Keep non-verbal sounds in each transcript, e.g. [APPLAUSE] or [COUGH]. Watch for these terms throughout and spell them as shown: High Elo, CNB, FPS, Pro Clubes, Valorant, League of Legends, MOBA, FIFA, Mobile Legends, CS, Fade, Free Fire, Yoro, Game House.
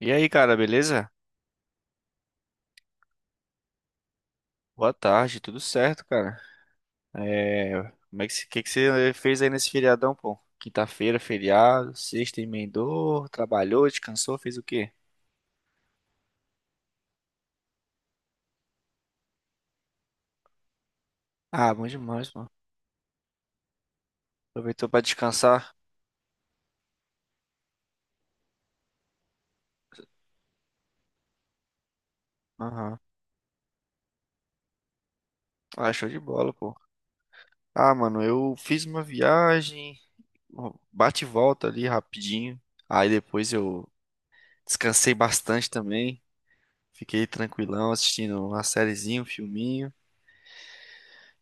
E aí, cara, beleza? Boa tarde, tudo certo, cara? É, como é que, que você fez aí nesse feriadão, pô? Quinta-feira, feriado, sexta emendou, trabalhou, descansou, fez o quê? Ah, bom demais, mano. Aproveitou pra descansar? Aham. Ah, show de bola, pô. Ah, mano, eu fiz uma viagem, ó, bate e volta ali rapidinho. Aí depois eu descansei bastante também. Fiquei tranquilão assistindo uma sériezinha, um filminho.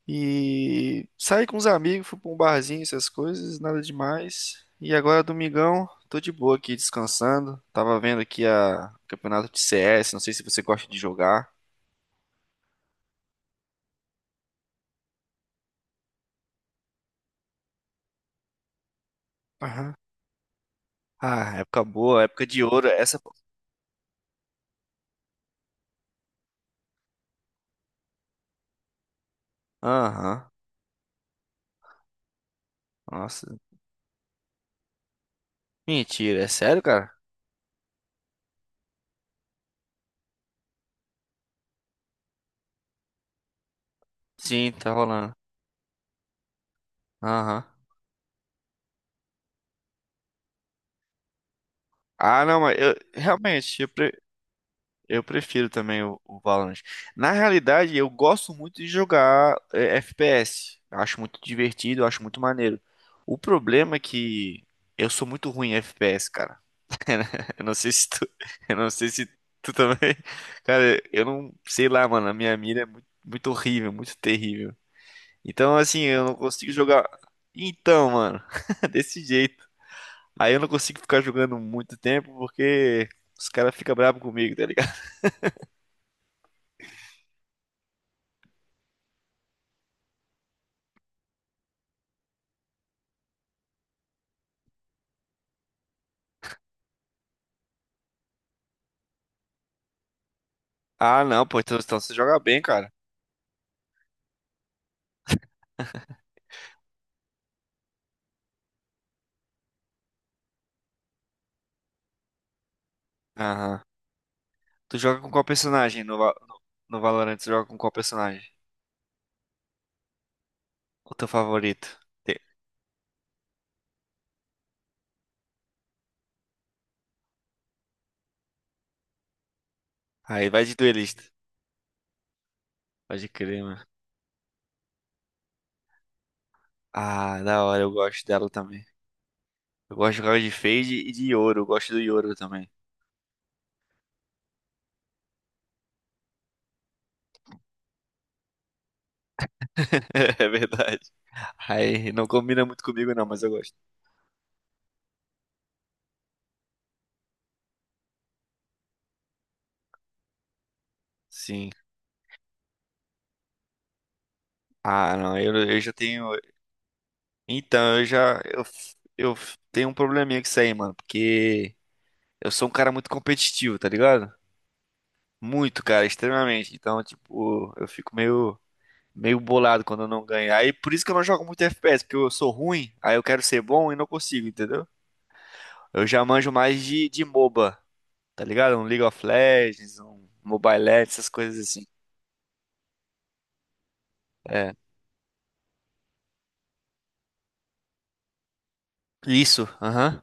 E saí com os amigos, fui pra um barzinho, essas coisas, nada demais. E agora, domingão, tô de boa aqui descansando. Tava vendo aqui a campeonato de CS, não sei se você gosta de jogar. Aham. Ah, época boa, época de ouro, essa. Aham. Nossa. Mentira, é sério, cara? Sim, tá rolando. Aham. Ah, não, mas eu realmente, eu prefiro também o Valorant. Na realidade, eu gosto muito de jogar FPS. Eu acho muito divertido, eu acho muito maneiro. O problema é que eu sou muito ruim em FPS, cara. [LAUGHS] Eu não sei se tu, eu não sei se tu também. [LAUGHS] Cara, eu não sei lá, mano. A minha mira é muito, muito horrível, muito terrível. Então, assim, eu não consigo jogar. Então, mano, [LAUGHS] desse jeito. Aí eu não consigo ficar jogando muito tempo porque os caras ficam bravos comigo, tá. Ah, não, pô, então você joga bem, cara. Aham. Tu joga com qual personagem no no, Valorant? Tu joga com qual personagem? O teu favorito? Te- Aí vai de duelista. Pode crer, mano. Ah, da hora, eu gosto dela também. Eu gosto de jogar de Fade e de Yoro, eu gosto do Yoro também. [LAUGHS] É verdade. Aí não combina muito comigo não, mas eu gosto. Sim. Ah, não, eu já tenho. Então, eu já. Eu tenho um probleminha com isso aí, mano. Porque eu sou um cara muito competitivo, tá ligado? Muito, cara, extremamente. Então, tipo, eu fico meio, meio bolado quando eu não ganho. Aí, por isso que eu não jogo muito FPS, porque eu sou ruim, aí eu quero ser bom e não consigo, entendeu? Eu já manjo mais de MOBA, tá ligado? Um League of Legends, um Mobile Legends, essas coisas assim. É. Isso, aham.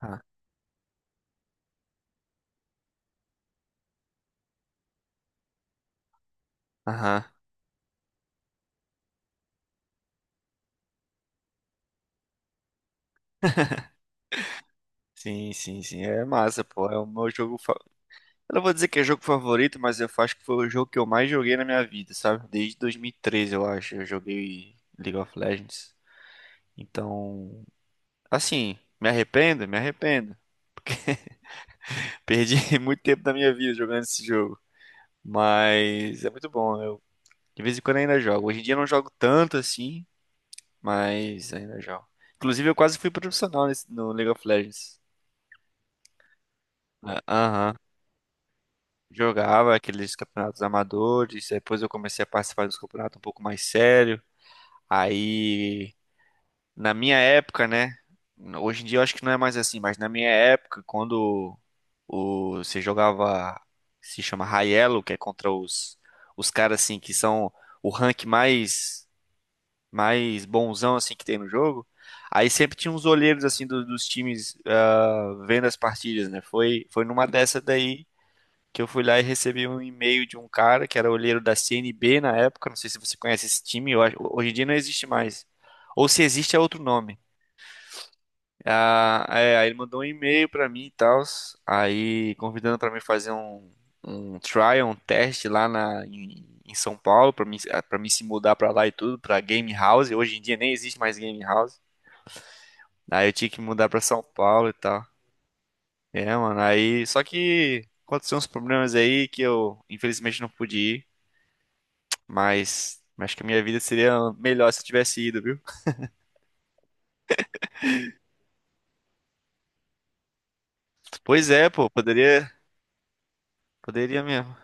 Ah, aham. Sim, sim, sim. É massa, pô. É o meu jogo. Fa- eu não vou dizer que é jogo favorito, mas eu acho que foi o jogo que eu mais joguei na minha vida, sabe? Desde 2013, eu acho. Eu joguei League of Legends. Então. Assim, me arrependo? Me arrependo. Porque [LAUGHS] perdi muito tempo da minha vida jogando esse jogo. Mas é muito bom. Eu, de vez em quando ainda jogo. Hoje em dia eu não jogo tanto assim, mas ainda jogo. Inclusive, eu quase fui profissional no League of Legends. Ah, aham. Jogava aqueles campeonatos amadores. Depois eu comecei a participar dos campeonatos um pouco mais sério. Aí na minha época, né? Hoje em dia eu acho que não é mais assim, mas na minha época, quando você jogava, se chama High Elo, que é contra os caras assim que são o rank mais bonzão assim que tem no jogo. Aí sempre tinha uns olheiros assim dos times ah, vendo as partidas, né? Foi numa dessa daí que eu fui lá e recebi um e-mail de um cara que era olheiro da CNB na época, não sei se você conhece esse time, eu acho- hoje em dia não existe mais. Ou se existe é outro nome. Ah, é, aí ele mandou um e-mail pra mim e tal, aí convidando pra mim fazer um trial, um teste lá em São Paulo, para mim se mudar pra lá e tudo, pra Game House. Hoje em dia nem existe mais Game House. Aí eu tinha que mudar pra São Paulo e tal. É, mano, aí só que aconteceu uns problemas aí que eu infelizmente não pude ir, mas acho que a minha vida seria melhor se eu tivesse ido, viu? Pois é, pô, poderia, poderia mesmo.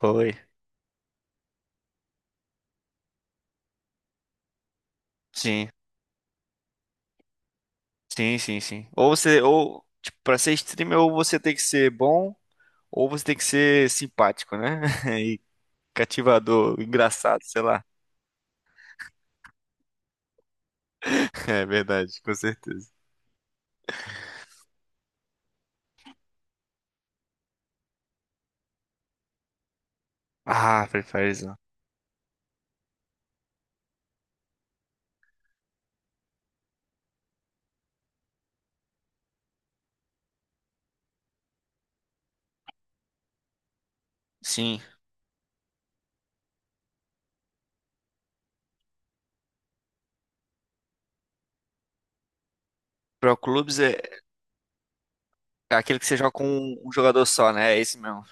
Foi. Sim. Sim, sim, sim. Ou você, ou, tipo, pra ser streamer, ou você tem que ser bom, ou você tem que ser simpático, né? [LAUGHS] E cativador, engraçado, sei lá. [LAUGHS] É verdade, com certeza. Ah, Free Firezão. Sim. Pro Clubes é é aquele que você joga com um jogador só, né? É esse mesmo.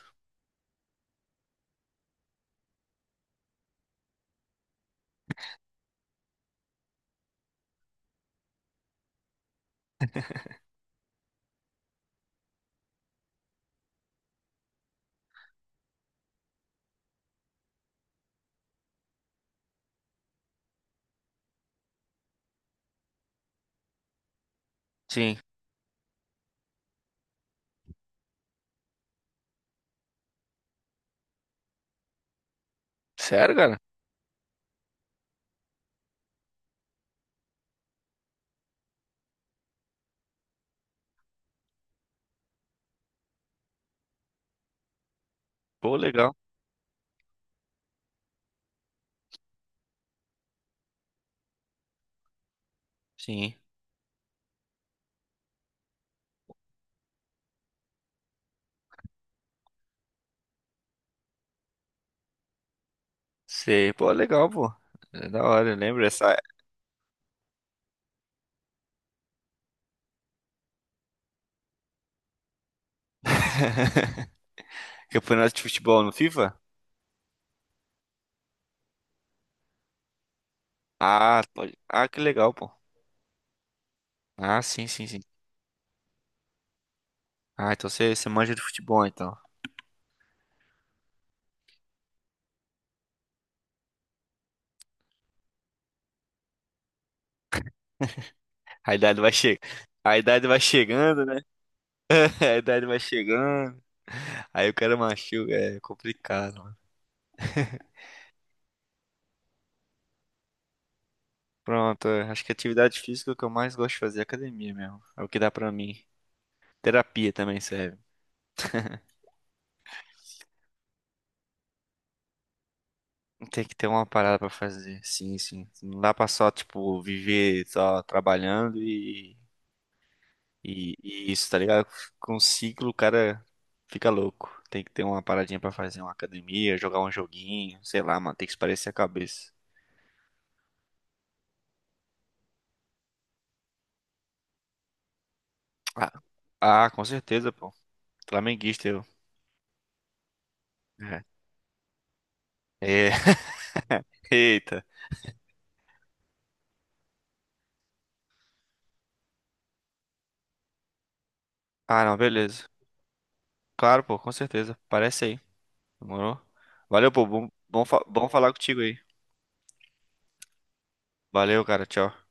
Sim. Sério, cara? Pô, legal. Sim. Sei. Pô, legal, pô. É da hora, eu lembro essa [LAUGHS] campeonato de futebol no FIFA? Ah, pode. Ah, que legal, pô. Ah, sim, sim, sim. Ah, então você, você manja de futebol, então. A idade vai che... a idade vai chegando, né? [LAUGHS] A idade vai chegando. Aí o cara machuca, é complicado, mano. Pronto, é, acho que atividade física é o que eu mais gosto de fazer é academia mesmo. É o que dá pra mim. Terapia também serve. Tem que ter uma parada pra fazer. Sim, sim. Não dá pra só, tipo, viver só trabalhando e isso, tá ligado? Com um ciclo o cara fica louco. Tem que ter uma paradinha pra fazer uma academia, jogar um joguinho, sei lá, mano. Tem que espairecer a cabeça. Ah, ah, com certeza, pô. Flamenguista eu. É. É. [LAUGHS] Eita. Ah, não, beleza. Claro, pô, com certeza. Parece aí. Demorou? Valeu, pô. Bom, bom, fa- bom falar contigo aí. Valeu, cara. Tchau.